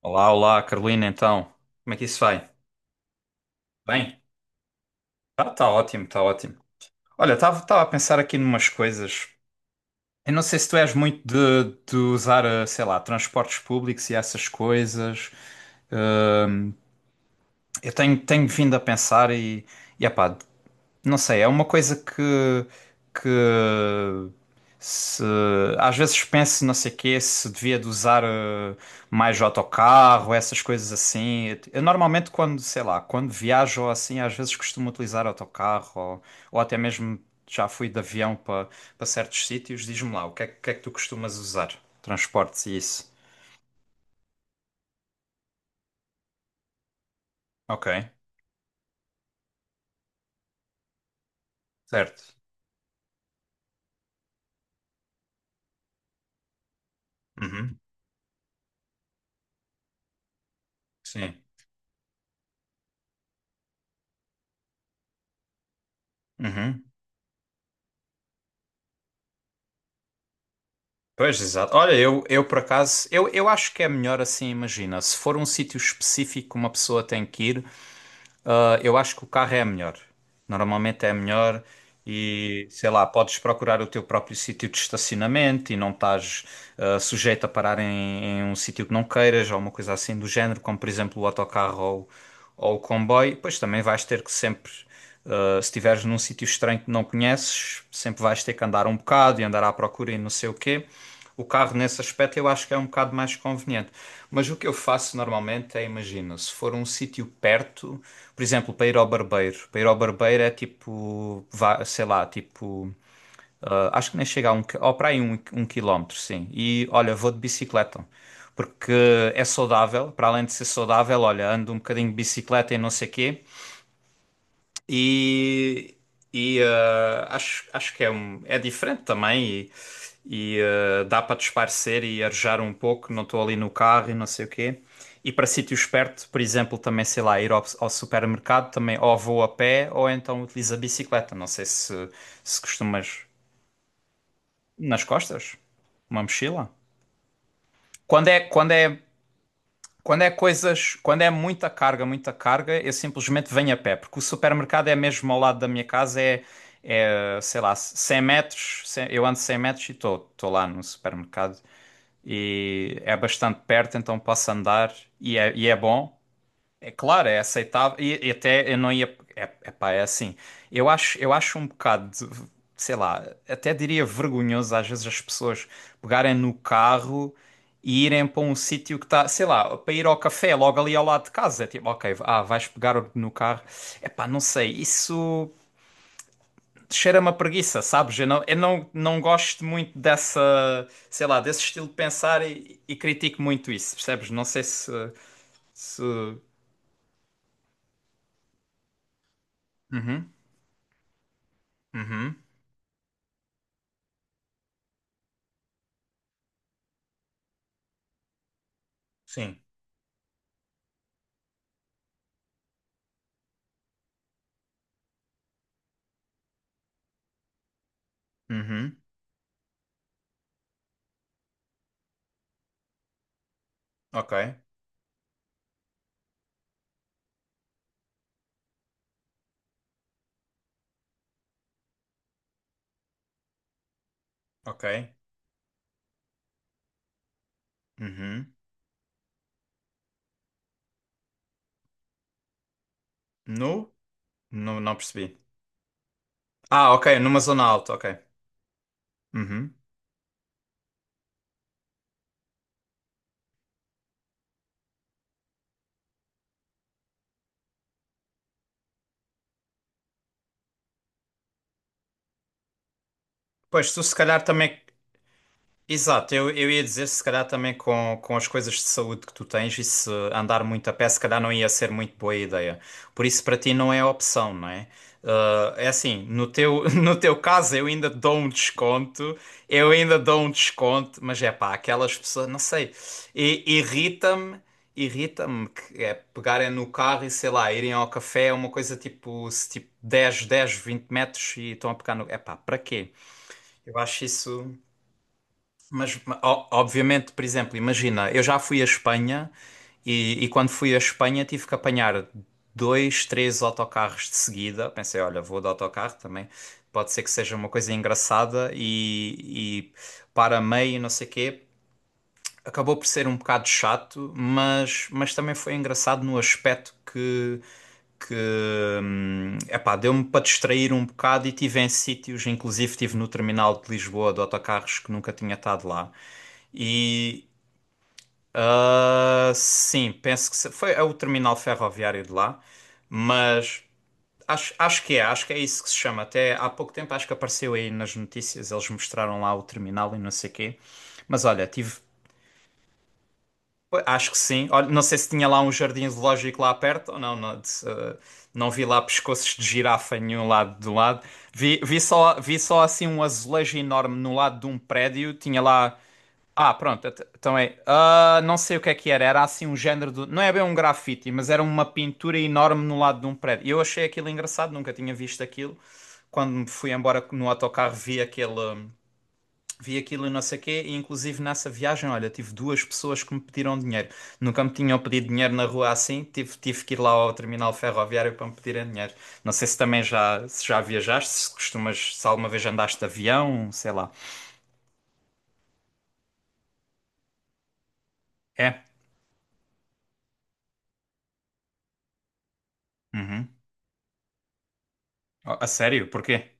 Olá, olá, Carolina, então. Como é que isso vai? Bem? Tá ótimo, tá ótimo. Olha, estava a pensar aqui numas coisas. Eu não sei se tu és muito de usar, sei lá, transportes públicos e essas coisas. Hum, tenho vindo a pensar e epá, não sei, é uma coisa que se às vezes penso, não sei quê, se devia de usar mais autocarro, essas coisas assim. Eu normalmente quando, sei lá, quando viajo ou assim, às vezes costumo utilizar autocarro ou até mesmo já fui de avião para certos sítios. Diz-me lá, que é que tu costumas usar? Transportes e isso. Ok, certo. Uhum. Sim. Uhum. Pois, exato. Olha, eu por acaso, eu acho que é melhor assim, imagina, se for um sítio específico que uma pessoa tem que ir, eu acho que o carro é melhor. Normalmente é melhor e, sei lá, podes procurar o teu próprio sítio de estacionamento e não estás sujeito a parar em um sítio que não queiras ou uma coisa assim do género, como por exemplo o autocarro ou o comboio. Pois também vais ter que sempre Uh, se estiveres num sítio estranho que não conheces, sempre vais ter que andar um bocado e andar à procura e não sei o quê. O carro, nesse aspecto, eu acho que é um bocado mais conveniente. Mas o que eu faço normalmente é, imagina, se for um sítio perto, por exemplo, para ir ao barbeiro. Para ir ao barbeiro é tipo, sei lá, tipo, acho que nem chega a um, ou para aí um quilómetro, sim. E olha, vou de bicicleta. Porque é saudável, para além de ser saudável, olha, ando um bocadinho de bicicleta e não sei quê. E, acho que é, um, é diferente também e, dá para disparecer e arejar um pouco, não estou ali no carro e não sei o quê. E para sítios perto, por exemplo, também, sei lá, ir ao supermercado também ou vou a pé ou então utilizo a bicicleta. Não sei se, se costumas nas costas, uma mochila. Quando é, quando é Quando é coisas, quando é muita carga, eu simplesmente venho a pé, porque o supermercado é mesmo ao lado da minha casa, é, sei lá, cem metros, 100 eu ando 100 metros e estou lá no supermercado. E é bastante perto, então posso andar e é bom. É claro, é aceitável. E até eu não ia. É pá, é assim. Eu acho um bocado, sei lá, até diria vergonhoso às vezes as pessoas pegarem no carro e irem para um sítio que está, sei lá, para ir ao café logo ali ao lado de casa. É tipo, ok, ah, vais pegar no carro. É pá, não sei, isso cheira-me a preguiça, sabes? Eu não gosto muito dessa, sei lá, desse estilo de pensar e critico muito isso, percebes? Não sei se. Se... Uhum, uhum. Sim. Uhum. Ok. Ok. Uhum. Nu? Nu, não percebi. Ah, ok. Numa zona alta, ok. Uhum. Pois, tu se calhar também. Exato, eu ia dizer, se calhar também com as coisas de saúde que tu tens, e se andar muito a pé, se calhar não ia ser muito boa ideia. Por isso, para ti não é opção, não é? Ah, é assim, no teu, no teu caso eu ainda dou um desconto, eu ainda dou um desconto, mas é pá, aquelas pessoas, não sei, irrita-me, irrita-me que é pegarem no carro e sei lá, irem ao café, é uma coisa tipo, se, tipo 10, 20 metros e estão a pegar no. É pá, para quê? Eu acho isso. Mas, obviamente, por exemplo, imagina, eu já fui à Espanha e quando fui à Espanha tive que apanhar dois, três autocarros de seguida. Pensei, olha, vou de autocarro também, pode ser que seja uma coisa engraçada e para meio, não sei quê, acabou por ser um bocado chato, mas também foi engraçado no aspecto que epá, deu-me para distrair um bocado e tive em sítios, inclusive tive no terminal de Lisboa de autocarros que nunca tinha estado lá. E ah, sim, penso que foi é o terminal ferroviário de lá, mas acho, acho que é isso que se chama. Até há pouco tempo acho que apareceu aí nas notícias, eles mostraram lá o terminal e não sei quê. Mas olha, tive. Pois, acho que sim. Olha, não sei se tinha lá um jardim zoológico lá perto ou não. Não, não vi lá pescoços de girafa em nenhum lado do lado. Vi só assim um azulejo enorme no lado de um prédio. Tinha lá. Ah, pronto. Então é. Ah, não sei o que é que era. Era assim um género de. Não é bem um grafite, mas era uma pintura enorme no lado de um prédio. E eu achei aquilo engraçado, nunca tinha visto aquilo. Quando me fui embora no autocarro, vi aquele. Vi aquilo e não sei o quê, e inclusive nessa viagem, olha, tive duas pessoas que me pediram dinheiro. Nunca me tinham pedido dinheiro na rua assim, tive que ir lá ao terminal ferroviário para me pedirem dinheiro. Não sei se também já, se já viajaste, se costumas, se alguma vez andaste de avião, sei lá. É? Uhum. Oh, a sério? Porquê?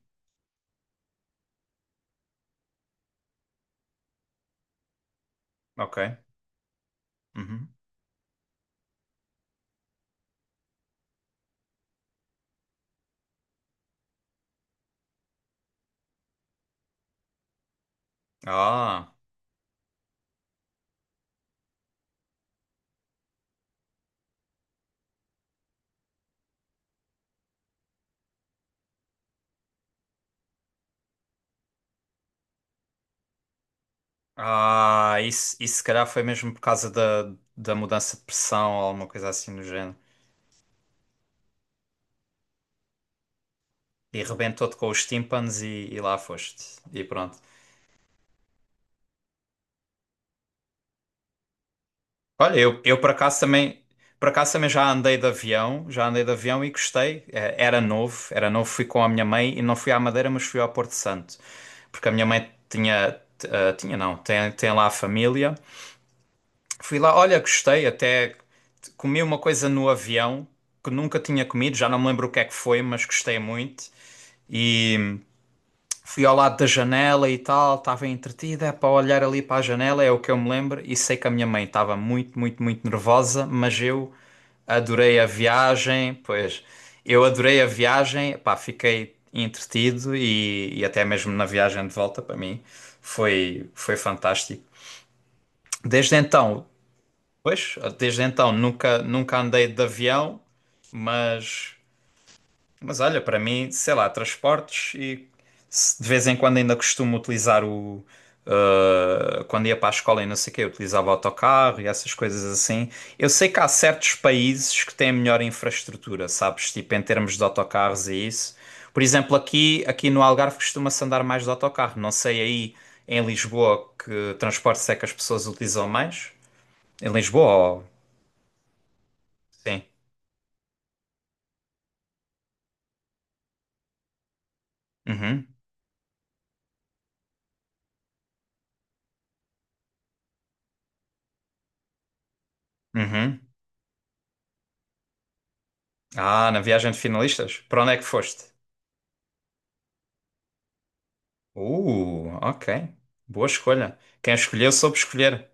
Ok. Uhum. Ah, ah, isso, isso se calhar foi mesmo por causa da mudança de pressão ou alguma coisa assim do género. E rebentou-te com os tímpanos e lá foste. E pronto. Olha, eu por acaso também já andei de avião, já andei de avião e gostei. Era novo, fui com a minha mãe e não fui à Madeira, mas fui ao Porto Santo. Porque a minha mãe tinha não, tem, tem lá a família. Fui lá, olha, gostei, até comi uma coisa no avião que nunca tinha comido, já não me lembro o que é que foi, mas gostei muito. Fui ao lado da janela e tal, estava entretida é para olhar ali para a janela, é o que eu me lembro, e sei que a minha mãe estava muito, muito, muito nervosa, mas eu adorei a viagem, pois eu adorei a viagem, pá, fiquei entretido e até mesmo na viagem de volta para mim foi, foi fantástico. Desde então, pois, desde então nunca, nunca andei de avião, mas. Mas olha, para mim, sei lá, transportes e de vez em quando ainda costumo utilizar o. Quando ia para a escola e não sei o quê, eu utilizava autocarro e essas coisas assim. Eu sei que há certos países que têm melhor infraestrutura, sabes? Tipo, em termos de autocarros e isso. Por exemplo, aqui no Algarve costuma-se andar mais de autocarro. Não sei aí em Lisboa que transportes é que as pessoas utilizam mais. Em Lisboa, ou... sim. Uhum, uhum. Ah, na viagem de finalistas? Para onde é que foste? Ok. Boa escolha. Quem escolheu soube escolher.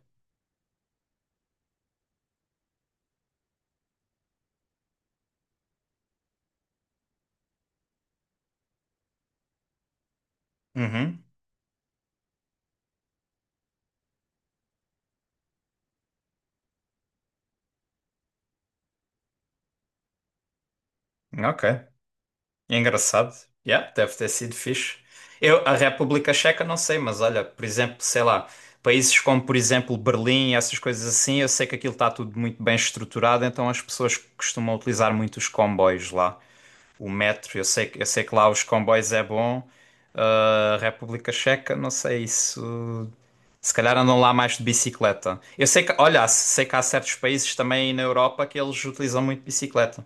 Uhum, ok. Engraçado. Yeah, deve ter sido fixe. Eu, a República Checa, não sei, mas olha, por exemplo, sei lá, países como, por exemplo, Berlim, essas coisas assim, eu sei que aquilo está tudo muito bem estruturado, então as pessoas costumam utilizar muito os comboios lá. O metro, eu sei, eu sei que lá os comboios é bom. Ah, a República Checa, não sei isso. Se calhar andam lá mais de bicicleta. Eu sei que, olha, sei que há certos países também na Europa que eles utilizam muito bicicleta.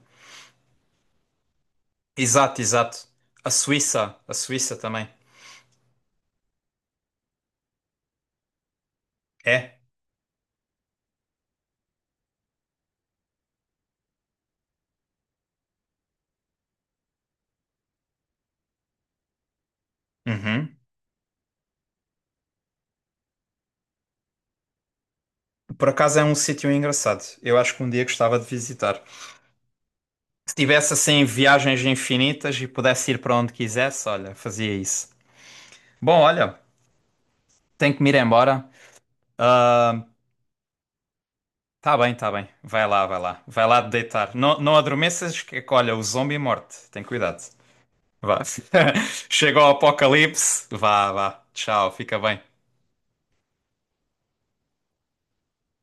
Exato, exato. A Suíça também. É. Uhum. Por acaso é um sítio engraçado. Eu acho que um dia gostava de visitar. Se tivesse assim viagens infinitas e pudesse ir para onde quisesse, olha, fazia isso. Bom, olha, tenho que me ir embora. Ah, tá bem. Vai lá. Vai lá deitar. Não adormeças que, olha, o zombie morte. Tem cuidado. Vá. Chegou o apocalipse. Vá, vá. Tchau, fica bem.